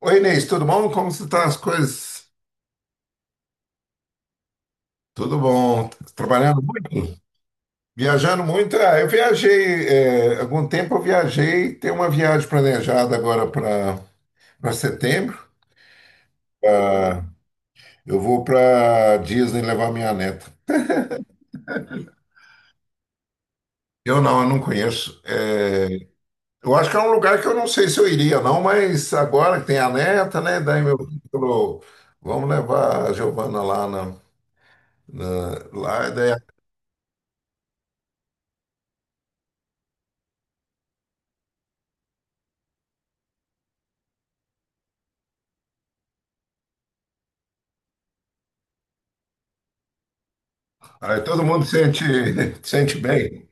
Oi, Inês, tudo bom? Como estão as coisas? Tudo bom. Trabalhando muito? Viajando muito? Ah, eu viajei, é, algum tempo eu viajei, tem uma viagem planejada agora para setembro. Ah, eu vou para Disney levar minha neta. Eu não conheço. Eu acho que é um lugar que eu não sei se eu iria, não, mas agora que tem a neta, né? Daí meu filho falou, vamos levar a Giovana lá na, lá, e daí, aí todo mundo sente, sente bem.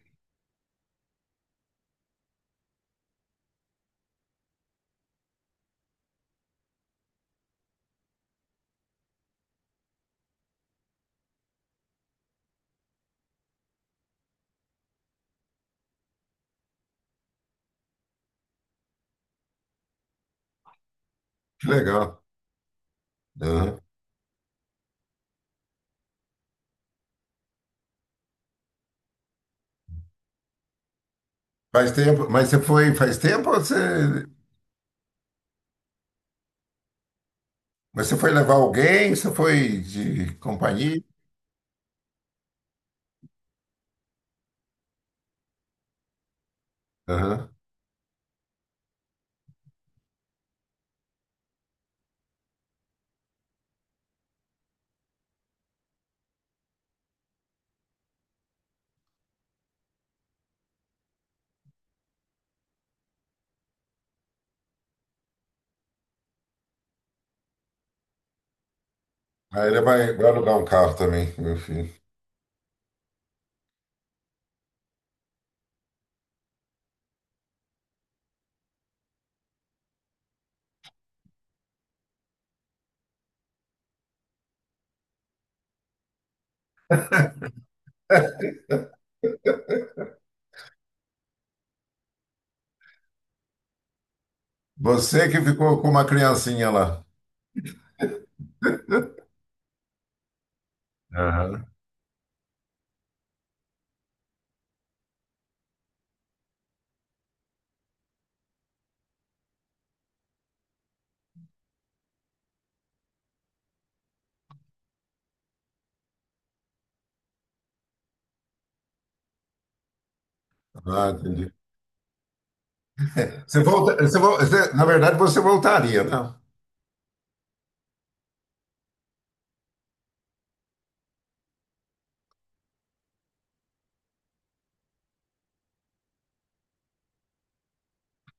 Que legal. Aham. Faz tempo, mas você foi faz tempo ou você, mas você foi levar alguém? Você foi de companhia? Aham. Aí ele vai, vai alugar um carro também, meu filho. Você que ficou com uma criancinha lá. Aham. Ah, entendi. Você volta, na verdade, você voltaria, né?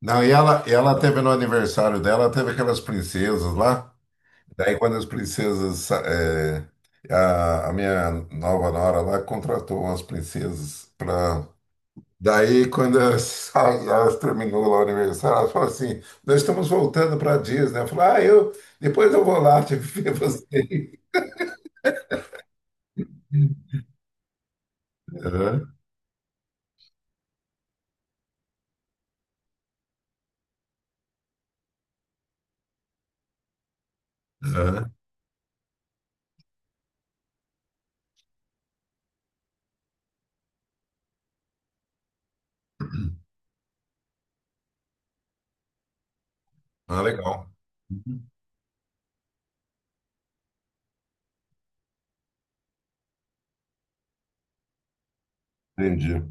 Não, e ela teve no aniversário dela, teve aquelas princesas lá. Daí, quando as princesas. A minha nova nora lá contratou umas princesas para daí, quando elas, elas terminou lá o aniversário, elas falaram assim: Nós estamos voltando para a Disney. Eu falei: Ah, eu, depois eu vou lá te ver você. Aham, aham. Ah, legal. Entendi.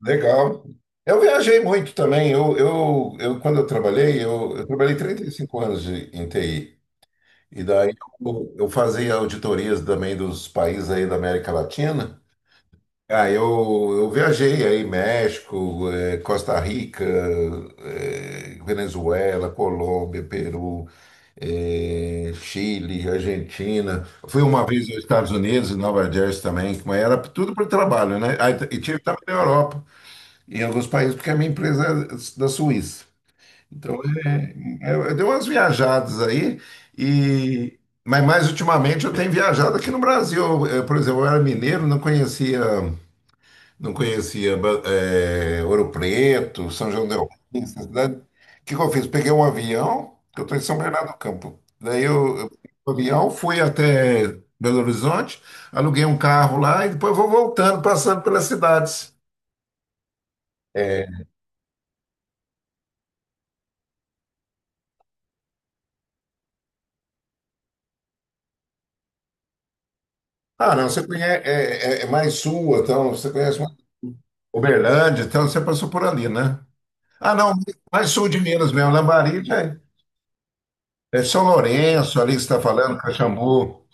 Legal. Eu viajei muito também. Eu quando eu trabalhei, eu trabalhei 35 anos de, em TI. E daí eu fazia auditorias também dos países aí da América Latina. Ah, eu, eu viajei aí, México, Costa Rica, Venezuela, Colômbia, Peru, Chile, Argentina. Fui uma vez aos Estados Unidos, em Nova Jersey também, mas era tudo por trabalho, né? Aí e tive também na Europa, em alguns países, porque a minha empresa é da Suíça. Então, é, eu dei umas viajadas aí e... Mas mais ultimamente eu tenho viajado aqui no Brasil. Por exemplo, eu era mineiro, não conhecia Ouro Preto, São João del Rei, essa cidade. O que que eu fiz? Peguei um avião, que eu estou em São Bernardo do Campo. Daí eu peguei o avião, fui até Belo Horizonte, aluguei um carro lá e depois vou voltando, passando pelas cidades. É. Ah, não, você conhece, é mais sul, então, você conhece mais Uberlândia, então você passou por ali, né? Ah, não, mais sul de Minas mesmo, Lambari, é São Lourenço, ali que você está falando, Caxambu.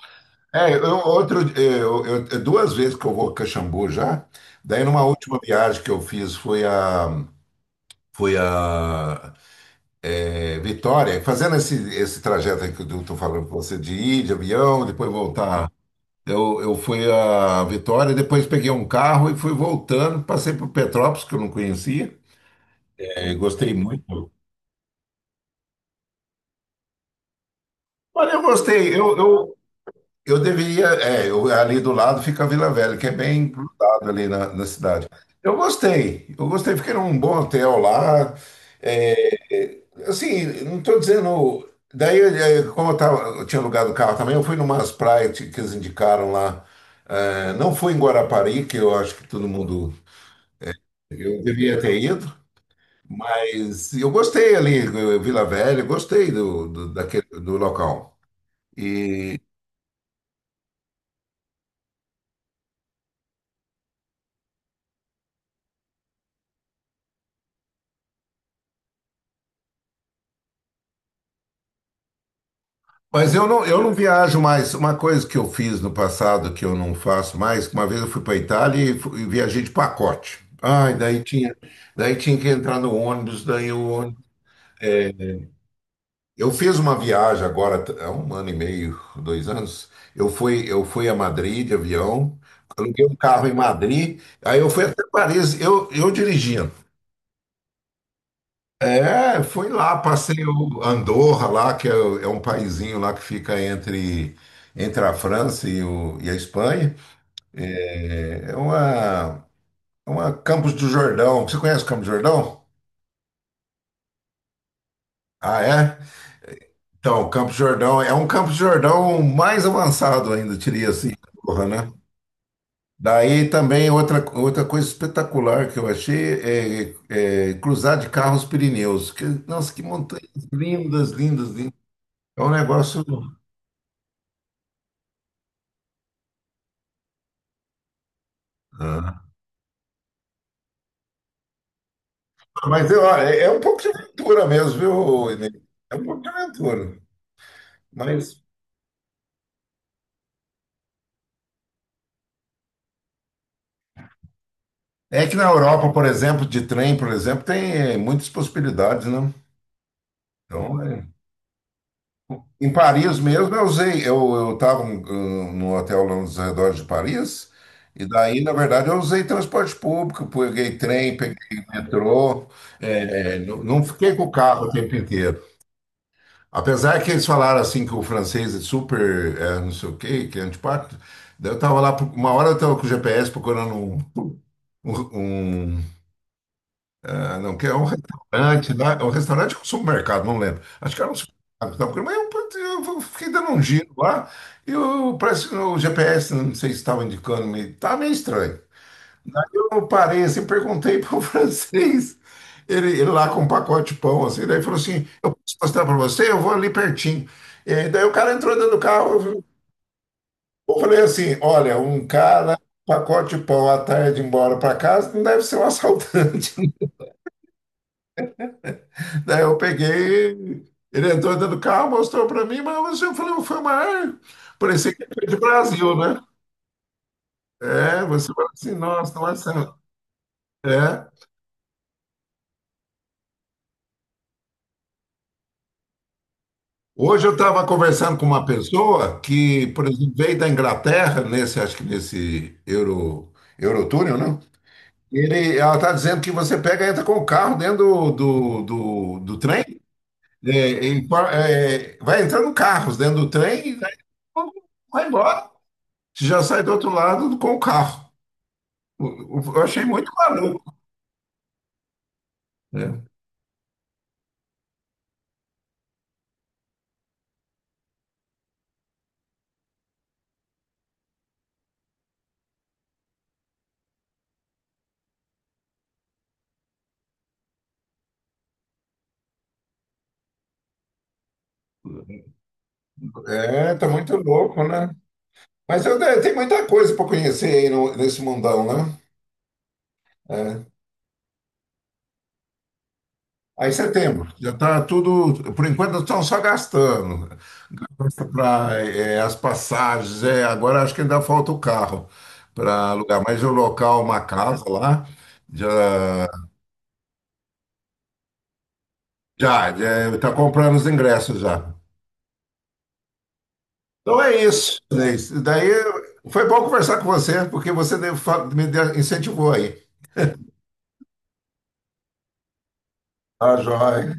É, eu, outro, eu- é duas vezes que eu vou a Caxambu já. Daí, numa última viagem que eu fiz, foi a Vitória, fazendo esse trajeto aí que eu estou falando com você, de ir de avião, depois voltar. Eu fui a Vitória, depois peguei um carro e fui voltando. Passei por Petrópolis, que eu não conhecia. É, gostei muito. Olha, eu gostei. Eu deveria, ali do lado fica a Vila Velha, que é bem grudado ali na, na cidade. Eu gostei, fiquei num bom hotel lá. é, assim, não estou dizendo. Daí, como eu, tava, eu tinha alugado o carro também, eu fui numas praias que eles indicaram lá. É, não fui em Guarapari, que eu acho que todo mundo. Eu devia ter ido, mas eu gostei ali, Vila Velha, gostei daquele, do local. E. Mas eu não viajo mais. Uma coisa que eu fiz no passado que eu não faço mais, que uma vez eu fui para Itália e viajei de pacote. Ai, daí tinha que entrar no ônibus, daí o ônibus. Eu fiz uma viagem agora, há um ano e meio, dois anos. Eu fui a Madrid de avião, aluguei um carro em Madrid, aí eu fui até Paris, eu dirigindo. É, fui lá, passei o Andorra lá, é um paizinho lá que fica entre, entre a França e a Espanha. É, é uma, é uma Campos do Jordão. Você conhece Campos do Jordão? Ah, é? Então, Campos do Jordão é um Campos do Jordão mais avançado ainda, diria assim, Andorra, né? Daí também outra coisa espetacular que eu achei é cruzar de carro os Pirineus. Que- nossa, que montanhas lindas, lindas, lindas. É um negócio. Mas olha, é um pouco de aventura mesmo, viu, Inês? É um pouco de aventura. Mas é que na Europa, por exemplo, de trem, por exemplo, tem muitas possibilidades, né? Então, é- em Paris mesmo, eu usei. Eu estava no hotel lá nos arredores de Paris, e daí, na verdade, eu usei transporte público, peguei trem, peguei metrô, não não fiquei com o carro o tempo inteiro. Apesar que eles falaram assim que o francês é super, não sei o quê, que é antipático, daí eu tava lá, uma hora eu tava com o GPS procurando um, ah, não, que é um restaurante, lá, é um restaurante ou supermercado, não lembro. Acho que era um supermercado, que tava procurando, mas eu fiquei dando um giro lá e eu, parece que o GPS, não sei se estava indicando, tava meio estranho. Aí eu parei assim, perguntei para o francês, ele lá com um pacote de pão, assim, daí falou assim, eu posso mostrar para você? Eu vou ali pertinho. E daí o cara entrou dentro do carro, eu falei assim, olha, um cara, pacote de pão à tarde embora para casa, não deve ser um assaltante. Daí eu peguei, ele entrou dentro do carro, mostrou para mim, mas eu falei, foi uma arma. Parecia que foi de Brasil, né? É, você fala assim, nossa, não é certo. É. Hoje eu estava conversando com uma pessoa que, por exemplo, veio da Inglaterra, nesse, acho que nesse Euro, Eurotúnel, não? Ela está dizendo que você pega e entra com o carro dentro do trem, é, vai entrando carros dentro do trem e vai embora. Você já sai do outro lado com o carro. Eu eu achei muito maluco. Tá muito louco, né? Mas eu, tem muita coisa para conhecer aí nesse mundão, né? É. Aí setembro, já está tudo, por enquanto estão só gastando para as passagens, é, agora acho que ainda falta o carro para alugar, mas o local, uma casa lá, já já já está comprando os ingressos já. Então é isso, Inês. Daí foi bom conversar com você, porque você me deu- incentivou aí. Tá, joia.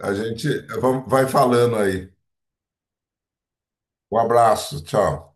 A gente vamos- vai falando aí. Um abraço, tchau.